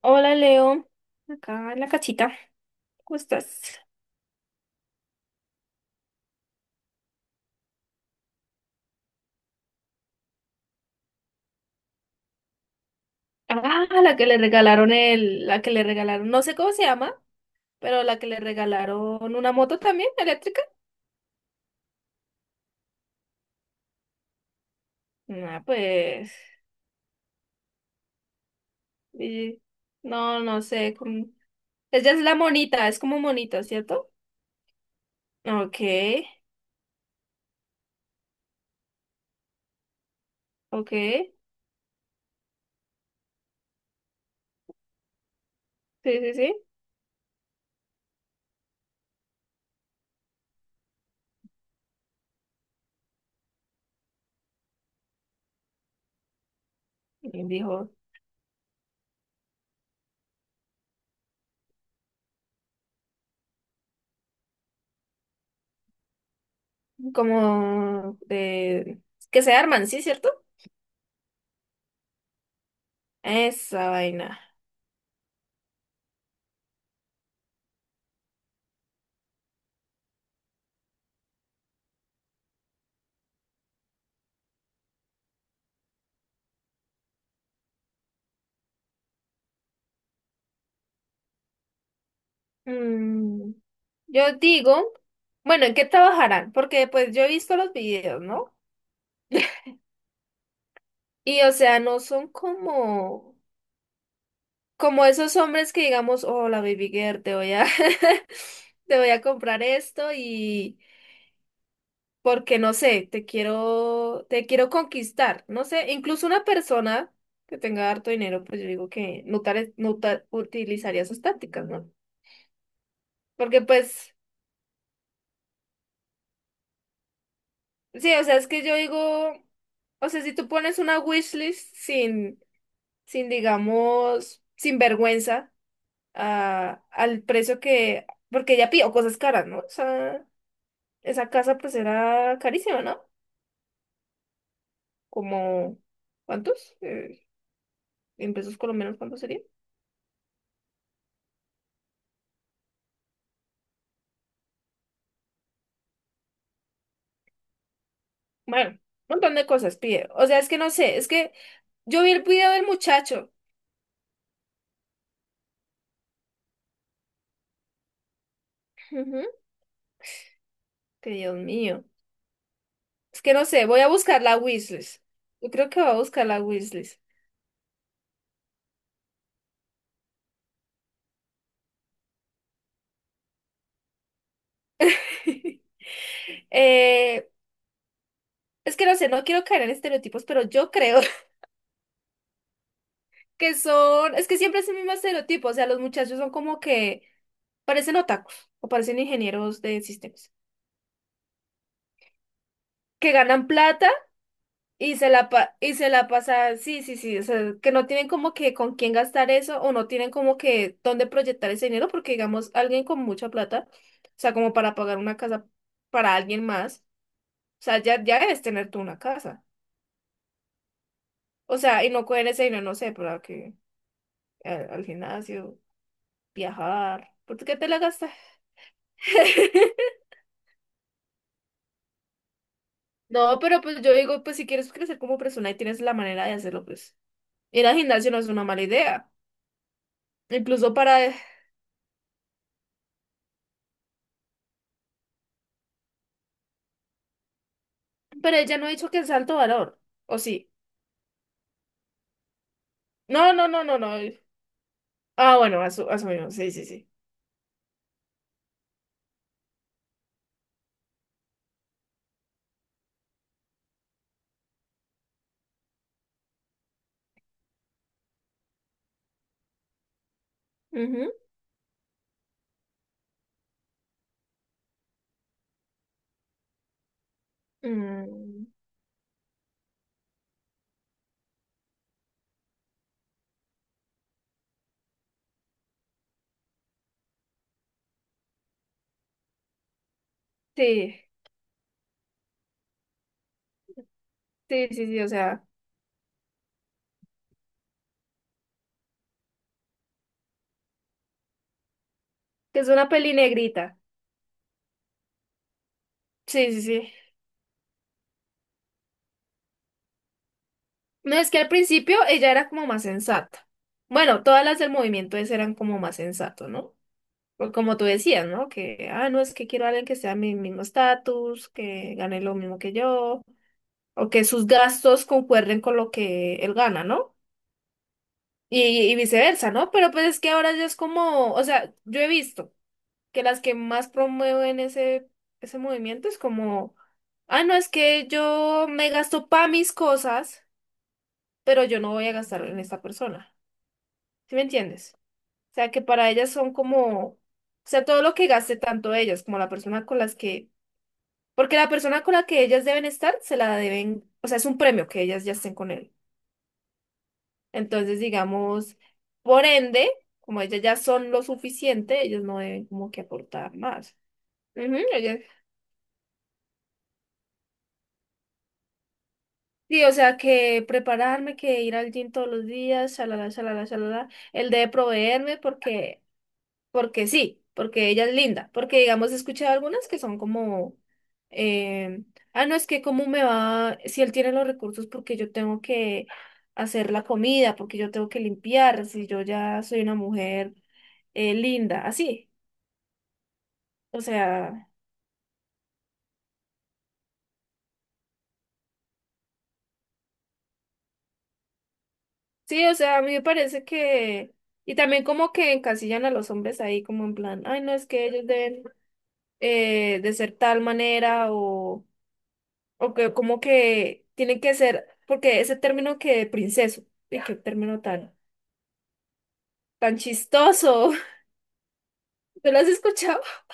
Hola Leo, acá en la casita, ¿cómo estás? Ah, la que le regalaron la que le regalaron, no sé cómo se llama, pero la que le regalaron una moto también eléctrica. Ah, pues, y- no, no sé, ella es la monita, es como monita, ¿cierto? Ok, ok, sí, sí, sí. Y dijo, como de, que se arman, ¿sí, cierto? Esa vaina. Mm, yo digo, bueno, ¿en qué trabajarán? Porque pues yo he visto los videos, ¿no? Y o sea, no son como, como esos hombres que digamos, hola baby girl, te voy a, te voy a comprar esto y porque no sé, te quiero conquistar, no sé, incluso una persona que tenga harto dinero, pues yo digo que no, utilizaría sus tácticas, ¿no? Porque pues sí, o sea, es que yo digo, o sea, si tú pones una wishlist sin, sin, digamos, sin vergüenza al precio que, porque ella pidió cosas caras, ¿no? O sea, esa casa pues era carísima, ¿no? Como, ¿cuántos? En pesos colombianos, ¿cuánto sería? Bueno, un montón de cosas pide. O sea, es que no sé, es que yo vi el video del muchacho. Ujú, que Dios mío. Es que no sé, voy a buscar la wishlist. Yo creo que voy a buscar la wishlist. Eh, es que no sé, no quiero caer en estereotipos, pero yo creo que son, es que siempre es el mismo estereotipo, o sea, los muchachos son como que parecen otakus o parecen ingenieros de sistemas, que ganan plata y se la pasan sí, sí, sí, o sea, que no tienen como que con quién gastar eso o no tienen como que dónde proyectar ese dinero, porque digamos, alguien con mucha plata, o sea, como para pagar una casa para alguien más, o sea, ya, ya debes tener tú una casa, o sea, y no coger ese dinero, no sé, para que al gimnasio. Viajar. ¿Por qué te la gastas? No, pero pues yo digo, pues si quieres crecer como persona y tienes la manera de hacerlo, pues ir al gimnasio no es una mala idea. Incluso para... Pero ella no ha dicho que sea alto valor. ¿O sí? No, no, no, no, no. Ah, bueno, asumimos. Sí, sí, sí. Ujú. Mm, sí, sí, sí, sí. O sea, que es una peli negrita. Sí, sí, sí. No, es que al principio ella era como más sensata. Bueno, todas las del movimiento ese eran como más sensato, ¿no? Por como tú decías, ¿no? Que, ah, no, es que quiero a alguien que sea mi mismo estatus, que gane lo mismo que yo, o que sus gastos concuerden con lo que él gana, ¿no? Y, y viceversa, ¿no? Pero pues es que ahora ya es como, o sea, yo he visto que las que más promueven ese movimiento es como, ah, no, es que yo me gasto para mis cosas, pero yo no voy a gastar en esta persona. ¿Sí me entiendes? O sea, que para ellas son como... O sea, todo lo que gaste tanto ellas como la persona con las que porque la persona con la que ellas deben estar, se la deben, o sea, es un premio que ellas ya estén con él. Entonces, digamos, por ende, como ellas ya son lo suficiente, ellas no deben como que aportar más. Ujú, ellas- sí, o sea, que prepararme, que ir al gym todos los días, shalala, shalala, shalala. Él debe proveerme porque porque sí, porque ella es linda, porque digamos he escuchado algunas que son como, eh, ah, no, es que cómo me va, si él tiene los recursos, porque yo tengo que hacer la comida, porque yo tengo que limpiar, si yo ya soy una mujer linda, así, o sea, sí, o sea, a mí me parece que, y también como que encasillan a los hombres ahí como en plan, ay, no, es que ellos deben de ser tal manera o que como que tiene que ser, porque ese término que de princeso, y qué término tan, tan chistoso, ¿tú lo has escuchado?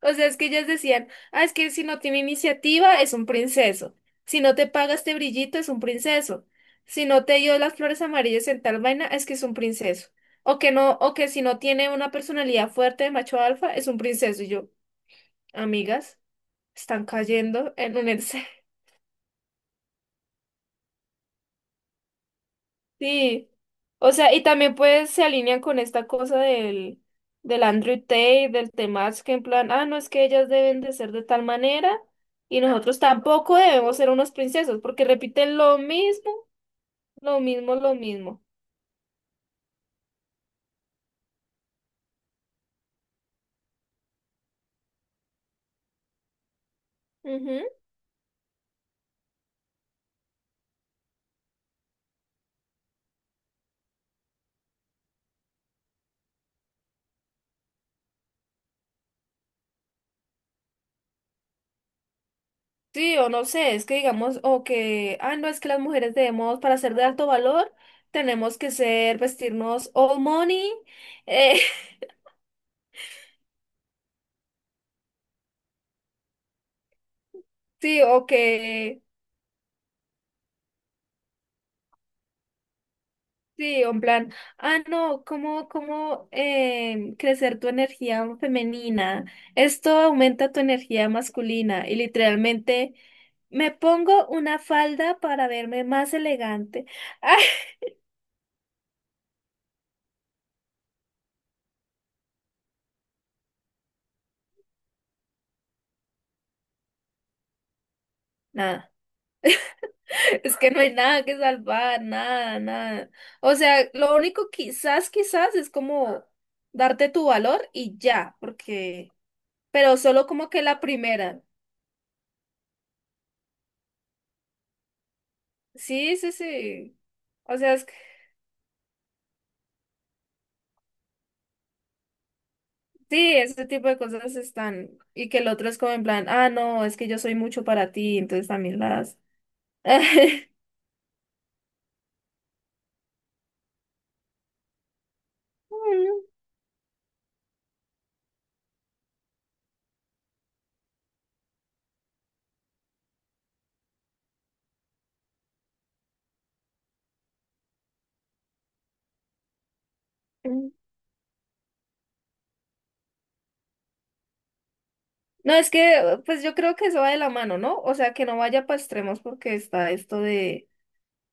O sea, es que ellas decían, ah, es que si no tiene iniciativa es un princeso, si no te paga este brillito es un princeso, si no te dio las flores amarillas en tal vaina es que es un princeso, o que no, o que si no tiene una personalidad fuerte de macho alfa es un princeso, y yo, amigas, están cayendo en un exceso. Sí, o sea, y también pues se alinean con esta cosa del, del Andrew Tate, del Temach, que en plan, ah, no, es que ellas deben de ser de tal manera y nosotros tampoco debemos ser unos princesos, porque repiten lo mismo, lo mismo, lo mismo. Ujú. Sí, o no sé, es que digamos, o que, ah, no, es que las mujeres debemos, para ser de alto valor, tenemos que ser, vestirnos all money, eh, sí, o que... Sí, en plan, ah, no, ¿cómo, cómo crecer tu energía femenina? Esto aumenta tu energía masculina y literalmente me pongo una falda para verme más elegante. Nada, es que no hay nada que salvar, nada, nada. O sea, lo único quizás, quizás es como darte tu valor y ya, porque, pero solo como que la primera. Sí, sí, sí. O sea, es sí, ese tipo de cosas están. Y que el otro es como en plan, ah, no, es que yo soy mucho para ti, entonces también las. No, es que, pues yo creo que eso va de la mano, ¿no? O sea, que no vaya para extremos porque está esto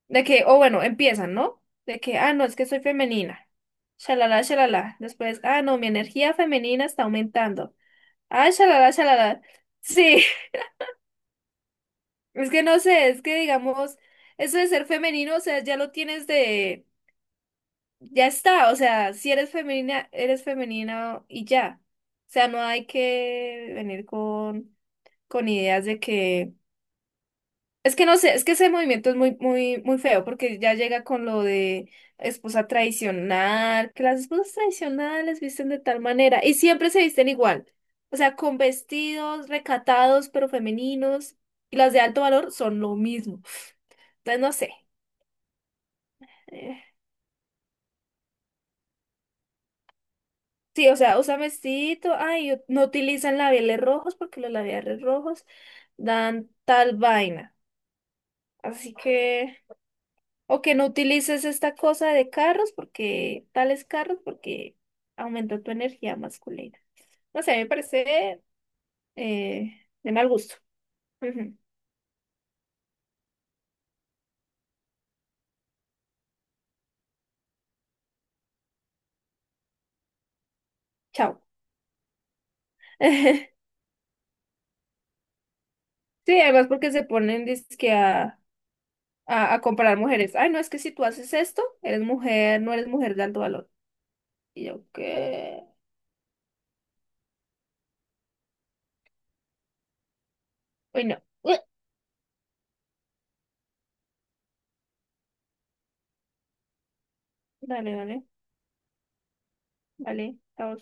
de que, o bueno, empiezan, ¿no? De que, ah, no, es que soy femenina. Shalala, shalala. Después, ah, no, mi energía femenina está aumentando. Ah, shalala, shalala. Sí, es que no sé, es que digamos, eso de ser femenino, o sea, ya lo tienes de ya está, o sea, si eres femenina, eres femenina y ya. O sea, no hay que venir con ideas de que... Es que no sé, es que ese movimiento es muy, muy, muy feo porque ya llega con lo de esposa tradicional, que las esposas tradicionales visten de tal manera y siempre se visten igual. O sea, con vestidos recatados pero femeninos y las de alto valor son lo mismo. Entonces, no sé. Sí, o sea, usa mestito, ay, no utilizan labiales rojos porque los labiales rojos dan tal vaina. Así que, o que no utilices esta cosa de carros porque, tales carros porque aumenta tu energía masculina. No sé, me parece de mal gusto. Ujú, chao. Sí, además porque se ponen dizque a comparar mujeres. Ay, no, es que si tú haces esto, eres mujer, no eres mujer de alto valor. Y yo, ¿qué? Uy, no. Ué. Dale, dale. Vale, chao.